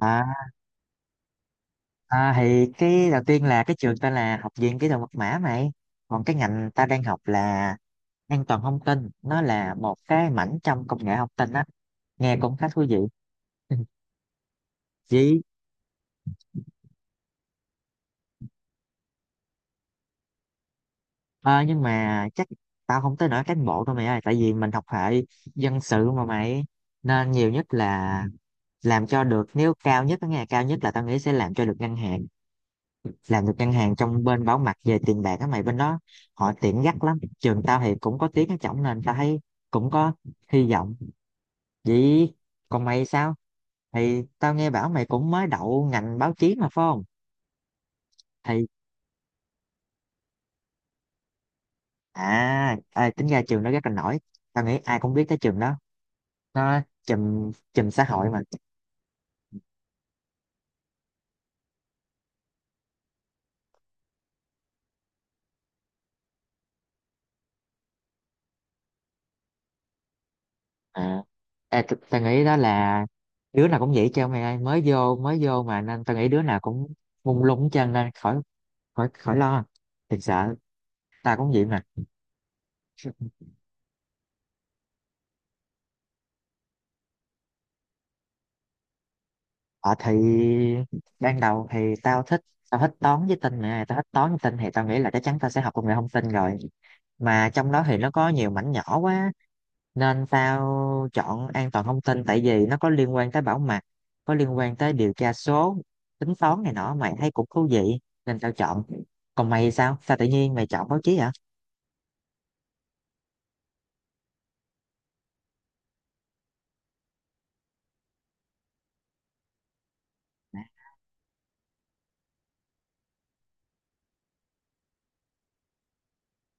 À, à, thì cái đầu tiên là cái trường tên là Học viện Kỹ thuật Mật mã mày. Còn cái ngành ta đang học là an toàn thông tin, nó là một cái mảnh trong công nghệ thông tin á, nghe cũng khá thú vị. Chỉ ờ, nhưng mà chắc tao không tới nỗi cán bộ đâu mày ơi, tại vì mình học hệ dân sự mà mày, nên nhiều nhất là làm cho được, nếu cao nhất cái ngày cao nhất là tao nghĩ sẽ làm cho được ngân hàng, làm được ngân hàng trong bên bảo mật về tiền bạc á mày, bên đó họ tiện gắt lắm. Trường tao thì cũng có tiếng ở trỏng nên tao thấy cũng có hy vọng vậy. Còn mày sao, thì tao nghe bảo mày cũng mới đậu ngành báo chí mà phải không? Thì à, tính ra trường đó rất là nổi, tao nghĩ ai cũng biết tới trường đó, nó chùm chùm xã hội mà. à, Tao nghĩ đó là đứa nào cũng vậy chứ mày ơi, mới vô mà, nên tao nghĩ đứa nào cũng mông lung hết trơn, nên khỏi, khỏi lo, thiệt sợ, tao cũng vậy mà. Ờ thì ban đầu thì tao thích toán với tin nè, tao thích toán với tin thì tao nghĩ là chắc chắn tao sẽ học công nghệ thông tin rồi. Mà trong đó thì nó có nhiều mảnh nhỏ quá nên tao chọn an toàn thông tin, tại vì nó có liên quan tới bảo mật, có liên quan tới điều tra số, tính toán này nọ, mày thấy cũng thú vị nên tao chọn. Còn mày sao sao tự nhiên mày chọn báo chí hả?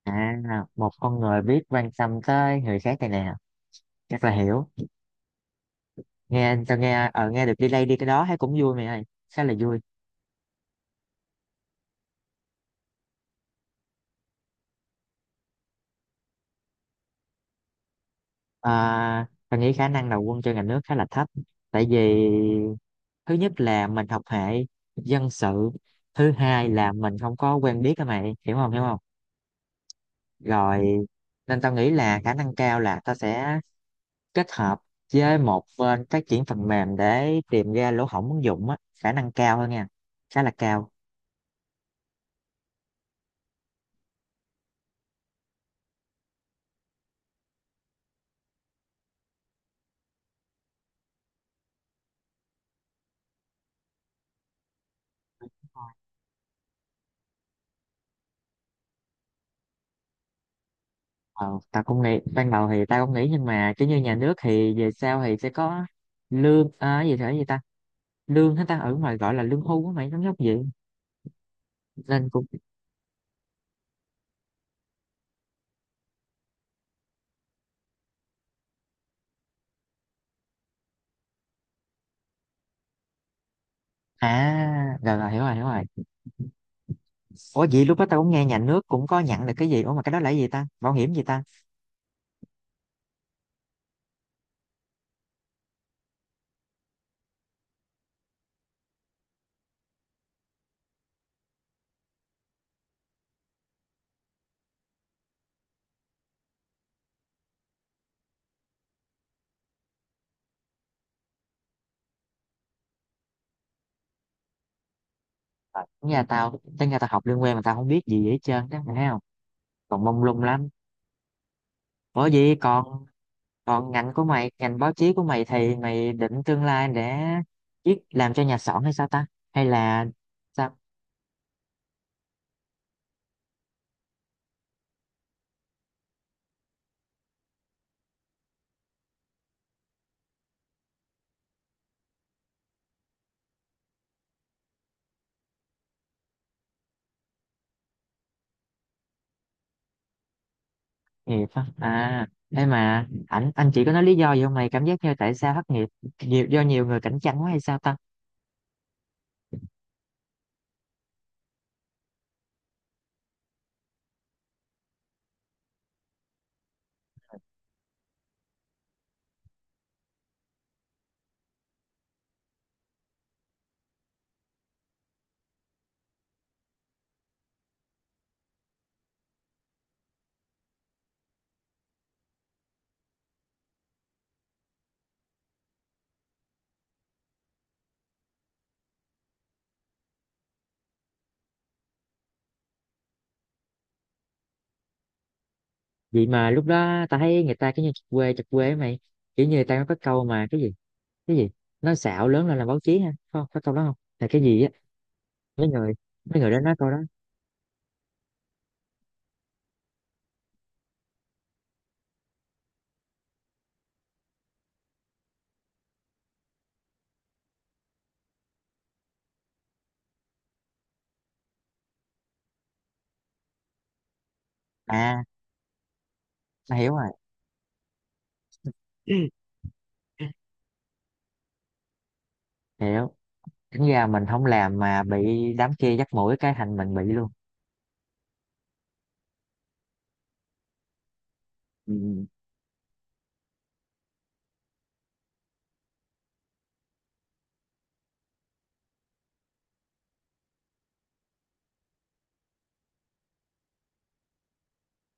À một con người biết quan tâm tới người khác này nè, chắc là hiểu. Nghe tao nghe ở nghe được đi đây đi cái đó thấy cũng vui mày ơi, khá là vui. À, mình nghĩ khả năng đầu quân cho ngành nước khá là thấp, tại vì thứ nhất là mình học hệ dân sự, thứ hai là mình không có quen biết các mày, hiểu không, hiểu không? Rồi nên tao nghĩ là khả năng cao là tao sẽ kết hợp với một bên phát triển phần mềm để tìm ra lỗ hổng ứng dụng á, khả năng cao hơn nha, khá là cao. Ờ, tao cũng nghĩ, ban đầu thì tao cũng nghĩ nhưng mà kiểu như nhà nước thì về sau thì sẽ có lương à, gì thế gì ta, lương hết ta, ở ngoài gọi là lương hưu á mày, giống giống vậy nên cũng. À rồi rồi, hiểu rồi, hiểu rồi. Ủa vậy lúc đó tao cũng nghe nhà nước cũng có nhận được cái gì, ủa mà cái đó là cái gì ta, bảo hiểm gì ta? Ờ, nhà tao tính ra tao học liên quan mà tao không biết gì hết trơn đó mày thấy không, còn mông lung lắm. Ủa vậy còn, còn ngành của mày, ngành báo chí của mày thì mày định tương lai để viết, làm cho nhà xọn hay sao ta, hay là nghiệp á? À thế mà anh chỉ có nói lý do gì không? Mày cảm giác như tại sao thất nghiệp nhiều, do nhiều người cạnh tranh quá hay sao ta? Vậy mà lúc đó ta thấy người ta cứ như chật quê ấy mày, kiểu như người ta có câu mà cái gì, cái gì, nói xạo lớn lên là báo chí, ha, không có câu đó không, là cái gì á? mấy người Mấy người đó nói câu đó. À ta hiểu rồi. Ừ, hiểu. Tính ra mình không làm mà bị đám kia dắt mũi cái thành mình bị luôn. Ừ.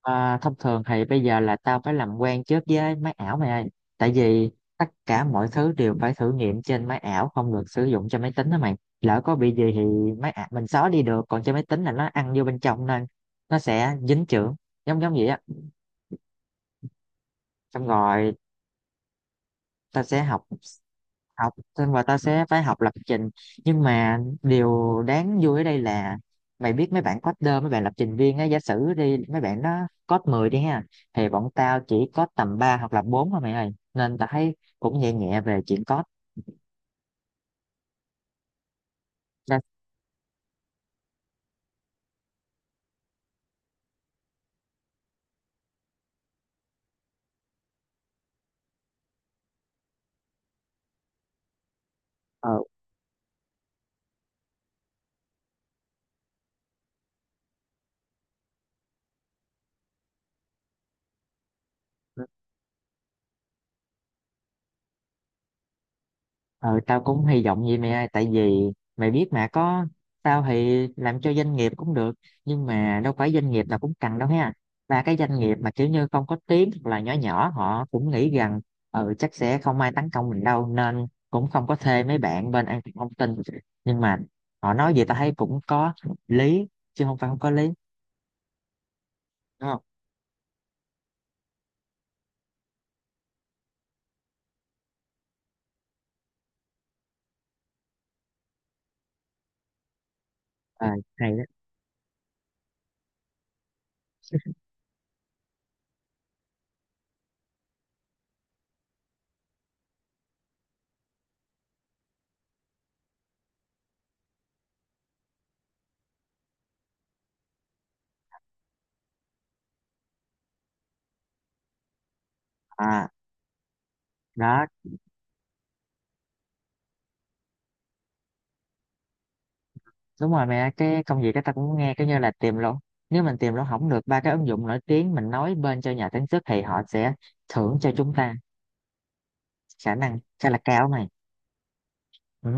À, thông thường thì bây giờ là tao phải làm quen trước với máy ảo mày ơi, tại vì tất cả mọi thứ đều phải thử nghiệm trên máy ảo, không được sử dụng trên máy tính đó mày, lỡ có bị gì thì máy ảo mình xóa đi được, còn trên máy tính là nó ăn vô bên trong nên nó sẽ dính chưởng, giống giống vậy á. Xong rồi tao sẽ học, học xong rồi ta sẽ phải học lập trình. Nhưng mà điều đáng vui ở đây là mày biết mấy bạn coder, mấy bạn lập trình viên á, giả sử đi, mấy bạn nó code 10 đi ha, thì bọn tao chỉ code tầm 3 hoặc là 4 thôi mày ơi, nên tao thấy cũng nhẹ nhẹ về chuyện code. Ra- ờ ừ. Ờ, tao cũng hy vọng vậy mẹ ơi, tại vì mày biết mà có, tao thì làm cho doanh nghiệp cũng được, nhưng mà đâu phải doanh nghiệp nào cũng cần đâu ha. Và cái doanh nghiệp mà kiểu như không có tiếng hoặc là nhỏ nhỏ, họ cũng nghĩ rằng ừ chắc sẽ không ai tấn công mình đâu, nên cũng không có thuê mấy bạn bên an toàn thông tin. Nhưng mà họ nói gì tao thấy cũng có lý, chứ không phải không có lý, đúng không? Ờ, hay đó. À đó, đúng rồi mẹ, cái công việc đó ta cũng nghe, cái như là tìm luôn, nếu mình tìm luôn không được ba cái ứng dụng nổi tiếng, mình nói bên cho nhà sản xuất thì họ sẽ thưởng cho chúng ta, khả năng khá là cao này. Ừ.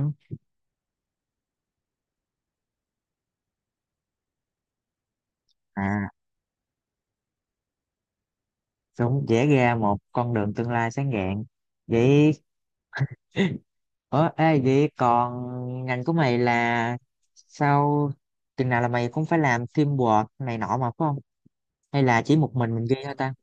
À cũng vẽ ra một con đường tương lai sáng rạng vậy. Ủa ê vậy còn ngành của mày là sau chừng nào là mày cũng phải làm teamwork này nọ mà phải không, hay là chỉ một mình ghi thôi ta?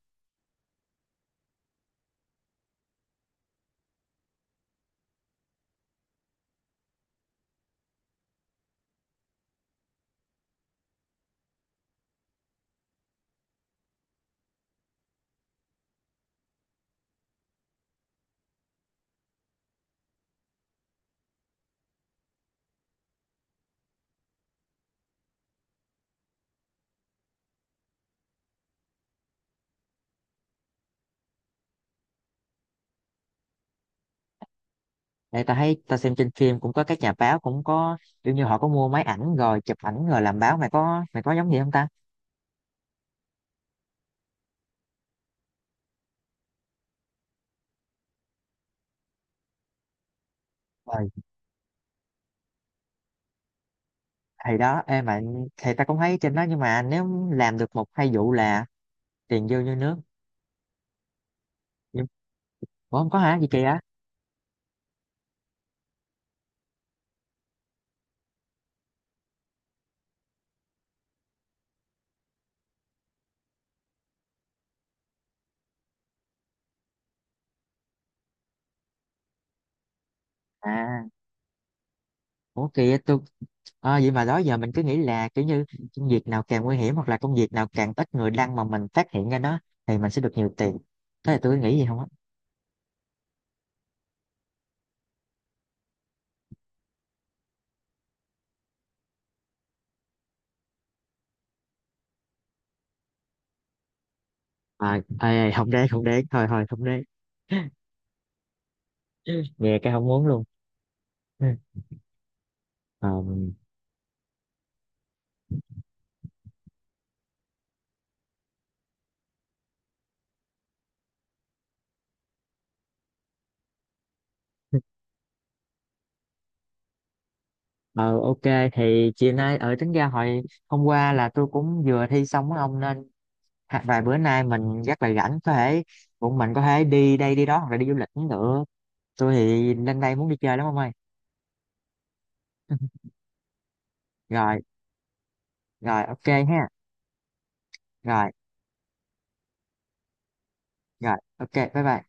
Đây ta thấy ta xem trên phim cũng có các nhà báo cũng có kiểu như họ có mua máy ảnh rồi chụp ảnh rồi làm báo, mày có, mày có giống gì không ta? Rồi thì đó em mà, thì ta cũng thấy trên đó, nhưng mà nếu làm được một hai vụ là tiền vô như nước. nhưng Ủa không có hả, gì kìa? à Ủa kìa tôi. Ờ, vậy mà đó giờ mình cứ nghĩ là kiểu như công việc nào càng nguy hiểm hoặc là công việc nào càng ít người đăng mà mình phát hiện ra nó, thì mình sẽ được nhiều tiền, thế là tôi nghĩ gì không á? À, ê, ê, không đến, không đến, thôi thôi không đến. Nghe cái không muốn luôn. Ừ. Ờ, Ờ ok, thì chiều nay, ở tính ra hồi hôm qua là tôi cũng vừa thi xong á ông nên vài bữa nay mình rất là rảnh, có thể bọn mình có thể đi đây đi đó hoặc là đi du lịch cũng được, tôi thì lên đây muốn đi chơi lắm ông ơi. Rồi, rồi ok ha. Rồi rồi ok, bye bye.